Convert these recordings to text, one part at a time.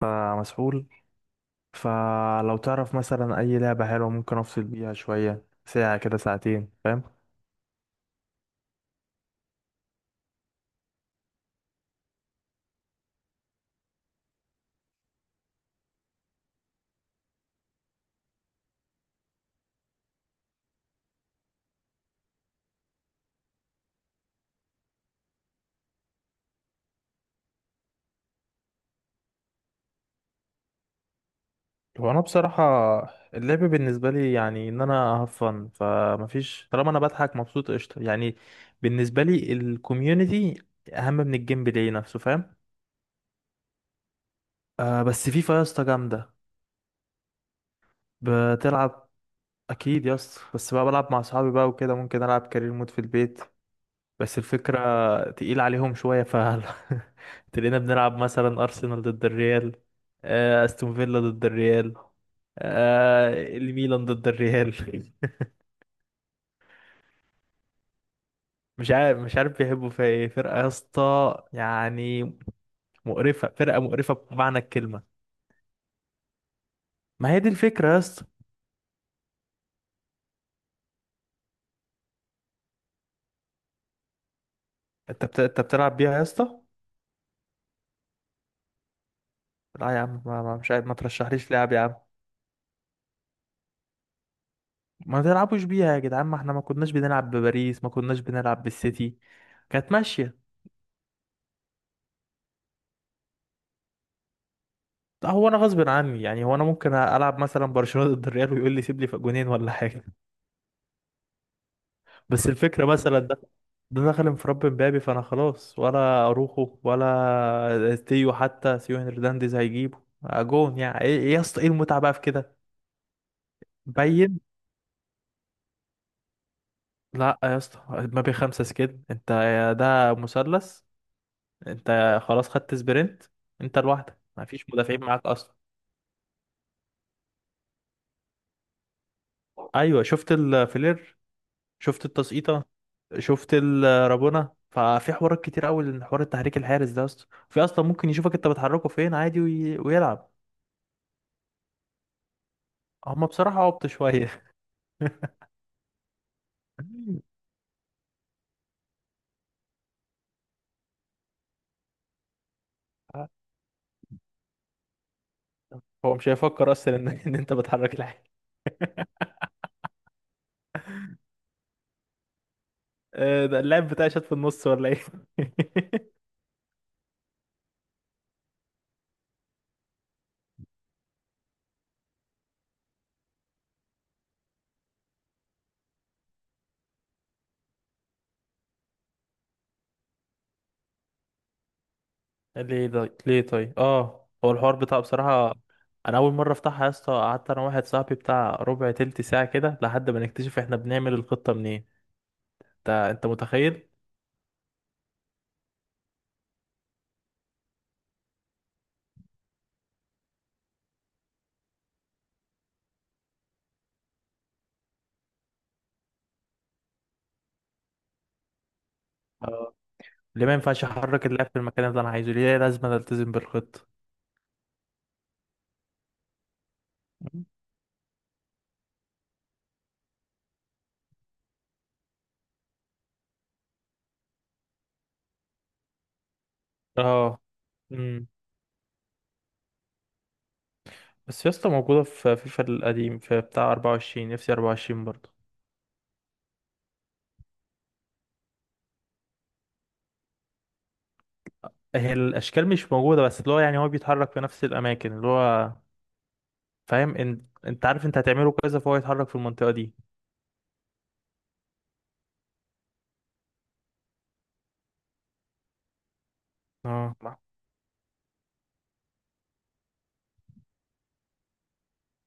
فمسحول. فلو تعرف مثلا اي لعبة حلوة ممكن افصل بيها شوية، ساعة كده ساعتين، فاهم؟ هو انا بصراحة اللعب بالنسبة لي يعني ان انا هفن، فمفيش، طالما انا بضحك مبسوط قشطة يعني. بالنسبة لي الكوميونتي اهم من الجيم بلاي نفسه، فاهم؟ آه، بس فيفا يا اسطى جامدة. بتلعب؟ اكيد يا اسطى، بس بقى بلعب مع اصحابي بقى وكده، ممكن العب كارير مود في البيت. بس الفكرة تقيل عليهم شوية. تلاقينا بنلعب مثلا أرسنال ضد الريال، آه، أستون فيلا ضد الريال، آه، الميلان ضد الريال. مش عارف بيحبوا فيها ايه فرقة يا اسطى يعني. مقرفة، فرقة مقرفة بمعنى الكلمة. ما هي دي الفكرة يا اسطى. انت بتلعب بيها يا اسطى؟ لا يا عم، ما... ما مش عارف، ما ترشحليش لعب يا عم. ما تلعبوش بيها يا جدعان، ما احنا ما كناش بنلعب بباريس، ما كناش بنلعب بالسيتي، كانت ماشية. هو انا غصب عني يعني؟ هو انا ممكن العب مثلا برشلونه ضد الريال ويقول لي سيب لي في جونين ولا حاجه؟ بس الفكره مثلا ده، ده دخل انفراد مبابي، فانا خلاص، ولا اروخو ولا تيو حتى سيو هرنانديز هيجيبه، آه، جون يعني، ايه إيه يا اسطى ايه المتعه بقى في كده؟ باين. لا يا اسطى، مبابي خمسه كده، انت يا ده مثلث، انت خلاص خدت سبرنت، انت لوحدك، ما فيش مدافعين معاك اصلا. ايوه، شفت الفلير، شفت التسقيطه، شفت الرابونة، ففي حوارات كتير قوي، حوار التحريك الحارس ده اصلا في اصلا ممكن يشوفك انت بتحركه فين عادي ويلعب. هما بصراحة عبط شوية. هو مش هيفكر اصلا إن انت بتحرك الحارس. آه، ده اللاعب بتاعي شات في النص ولا ايه؟ ليه طيب، ليه طيب؟ اه، هو الحوار بتاعه بصراحة، انا اول مرة افتحها يا اسطى، قعدت انا واحد صاحبي بتاع ربع تلت ساعة كده لحد ما نكتشف احنا بنعمل الخطة منين. انت انت متخيل؟ ليه ما ينفعش احرك اللاعب في المكان اللي انا عايزه؟ ليه لازم أنا التزم بالخطة؟ مم. اه. امم. بس يا اسطى، موجودة في فيفا القديم، في بتاع 24، نفسي 24 برضه. هي الاشكال مش موجودة، بس اللي هو يعني هو بيتحرك في نفس الاماكن اللي هو، فاهم ان، انت عارف انت هتعمله كذا فهو يتحرك في المنطقة دي. اه.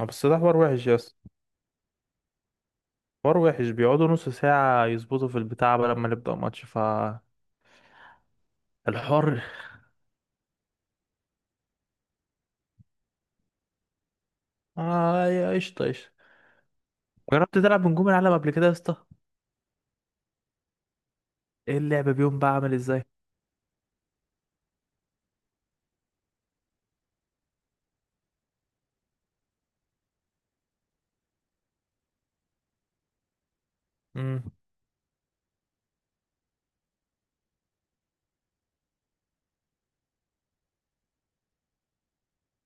آه، بس ده حوار وحش يا اسطى. حوار وحش، بيقعدوا نص ساعة يظبطوا في البتاع قبل ما نبدأ ماتش، فالحوار اه يا قشطة قشطة. جربت تلعب بنجوم العالم قبل كده يا اسطى؟ ايه اللعبة بيهم بقى عامل ازاي؟ امم.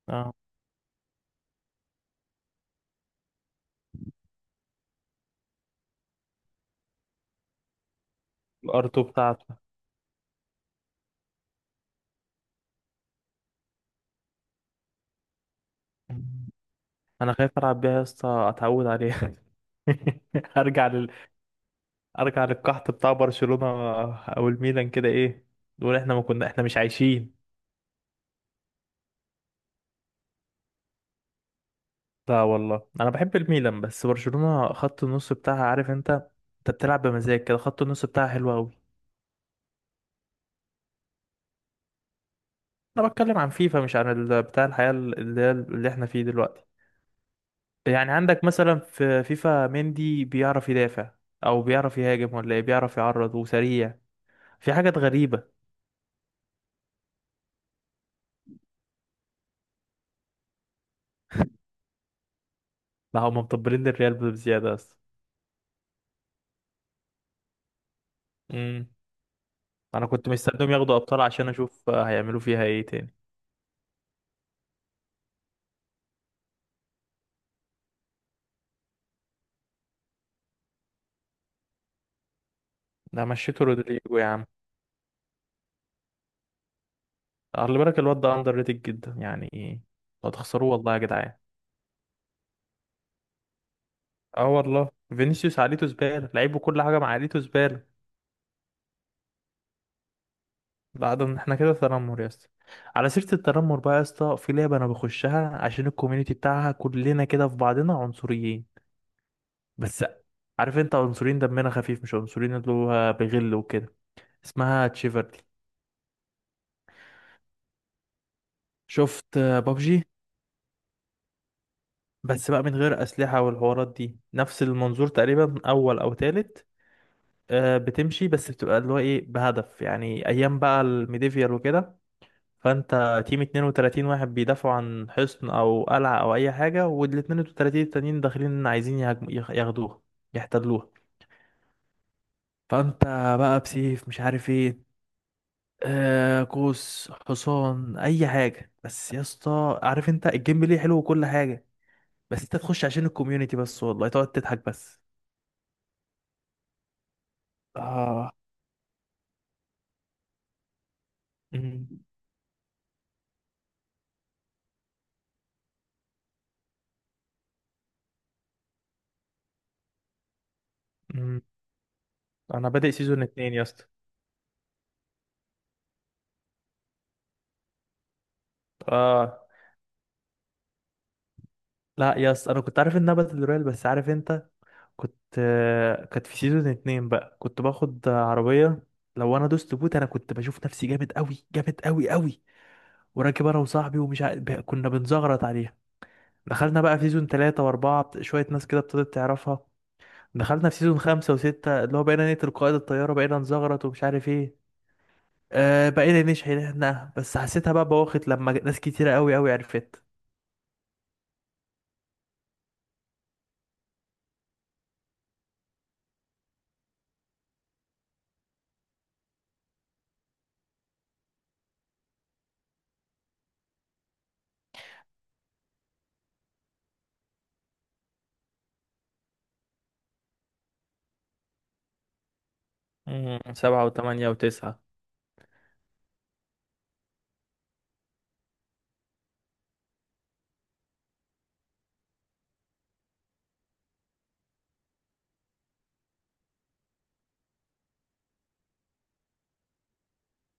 اه. الار2 بتاعته. مم. انا خايف العب بيها يا اسطى اتعود عليها. ارجع لل... ارجع للقحط بتاع برشلونة، او الميلان كده ايه، نقول احنا ما كنا، احنا مش عايشين. لا والله انا بحب الميلان، بس برشلونة خط النص بتاعها، عارف انت، انت بتلعب بمزاج كده، خط النص بتاعها حلو قوي. انا بتكلم عن فيفا، مش عن ال... بتاع الحياة اللي هي اللي احنا فيه دلوقتي. يعني عندك مثلا في فيفا مندي بيعرف يدافع او بيعرف يهاجم ولا إيه؟ بيعرف يعرض وسريع. في حاجات غريبة. لا، هم مطبلين للريال بزيادة بس. امم. انا كنت مستنيهم ياخدوا ابطال عشان اشوف هيعملوا فيها ايه تاني. ده مشيتوا رودريجو يا عم؟ خلي بالك الواد ده اندر ريتد جدا يعني، لو تخسروه والله يا جدعان. اه والله. فينيسيوس عقليته زبالة، لعيبه كل حاجة مع عقليته زبالة. بعد ان احنا كده تنمر يا اسطى. على سيرة التنمر بقى يا اسطى، في لعبة انا بخشها عشان الكوميونتي بتاعها، كلنا كده في بعضنا عنصريين. بس عارف انت، عنصريين دمنا خفيف، مش عنصريين اللي هو بغل وكده. اسمها تشيفرلي. شفت بابجي؟ بس بقى من غير أسلحة والحوارات دي، نفس المنظور تقريبا، أول أو تالت. آه، بتمشي بس بتبقى اللي هو إيه، بهدف يعني أيام بقى الميديفيال وكده. فأنت تيم 32 واحد بيدافعوا عن حصن أو قلعة أو أي حاجة، وال 32 التانيين داخلين عايزين ياخدوها، يحتلوها. فأنت بقى بسيف، مش عارف إيه، آه قوس، حصان، أي حاجة. بس يا اسطى، عارف أنت الجيم بلاي حلو وكل حاجة، بس انت تخش عشان الكوميونتي بس، والله تقعد تضحك بس. اه. أمم. أمم. انا بادئ سيزون اتنين يا اسطى. اه. لا يا اسطى، انا كنت عارف انها باتل رويال، بس عارف انت، كنت آه، كانت في سيزون اتنين بقى كنت باخد آه، عربية. لو انا دوست بوت انا كنت بشوف نفسي جامد قوي، جامد قوي قوي. وراكب انا وصاحبي، كنا بنزغرط عليها. دخلنا بقى في سيزون تلاتة واربعة، شوية ناس كده ابتدت تعرفها. دخلنا في سيزون خمسة وستة، اللي هو بقينا نقتل قائد الطيارة، بقينا نزغرط ومش عارف ايه. أه، بقينا نشحنها، بس حسيتها بقى بواخد لما ناس كتيرة قوي قوي عرفت. امم، سبعة وثمانية وتسعة.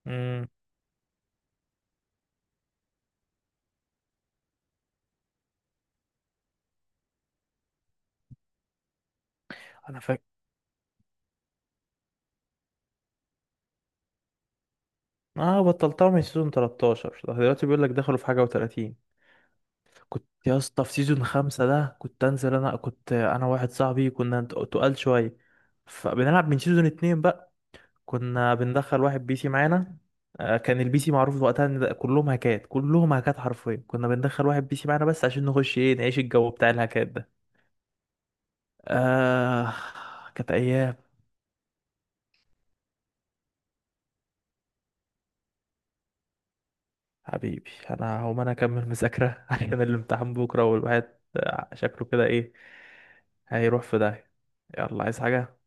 امم. انا فاكر. اه، بطلتها من سيزون 13. ده دلوقتي بيقول لك دخلوا في حاجة و30. كنت يا اسطى في سيزون خمسة ده، كنت انزل، انا كنت انا واحد صاحبي كنا تقال شوية، فبنلعب من سيزون اتنين بقى. كنا بندخل واحد بي سي معانا، آه، كان البي سي معروف وقتها ان ده كلهم هاكات، كلهم هاكات حرفيا، كنا بندخل واحد بي سي معانا بس عشان نخش ايه، نعيش الجو بتاع الهاكات. آه، كانت أيام. حبيبي، أنا هقوم أنا أكمل مذاكرة عشان الامتحان بكرة، والواحد آه، شكله كده إيه، هيروح في داهية. يلا، عايز حاجة؟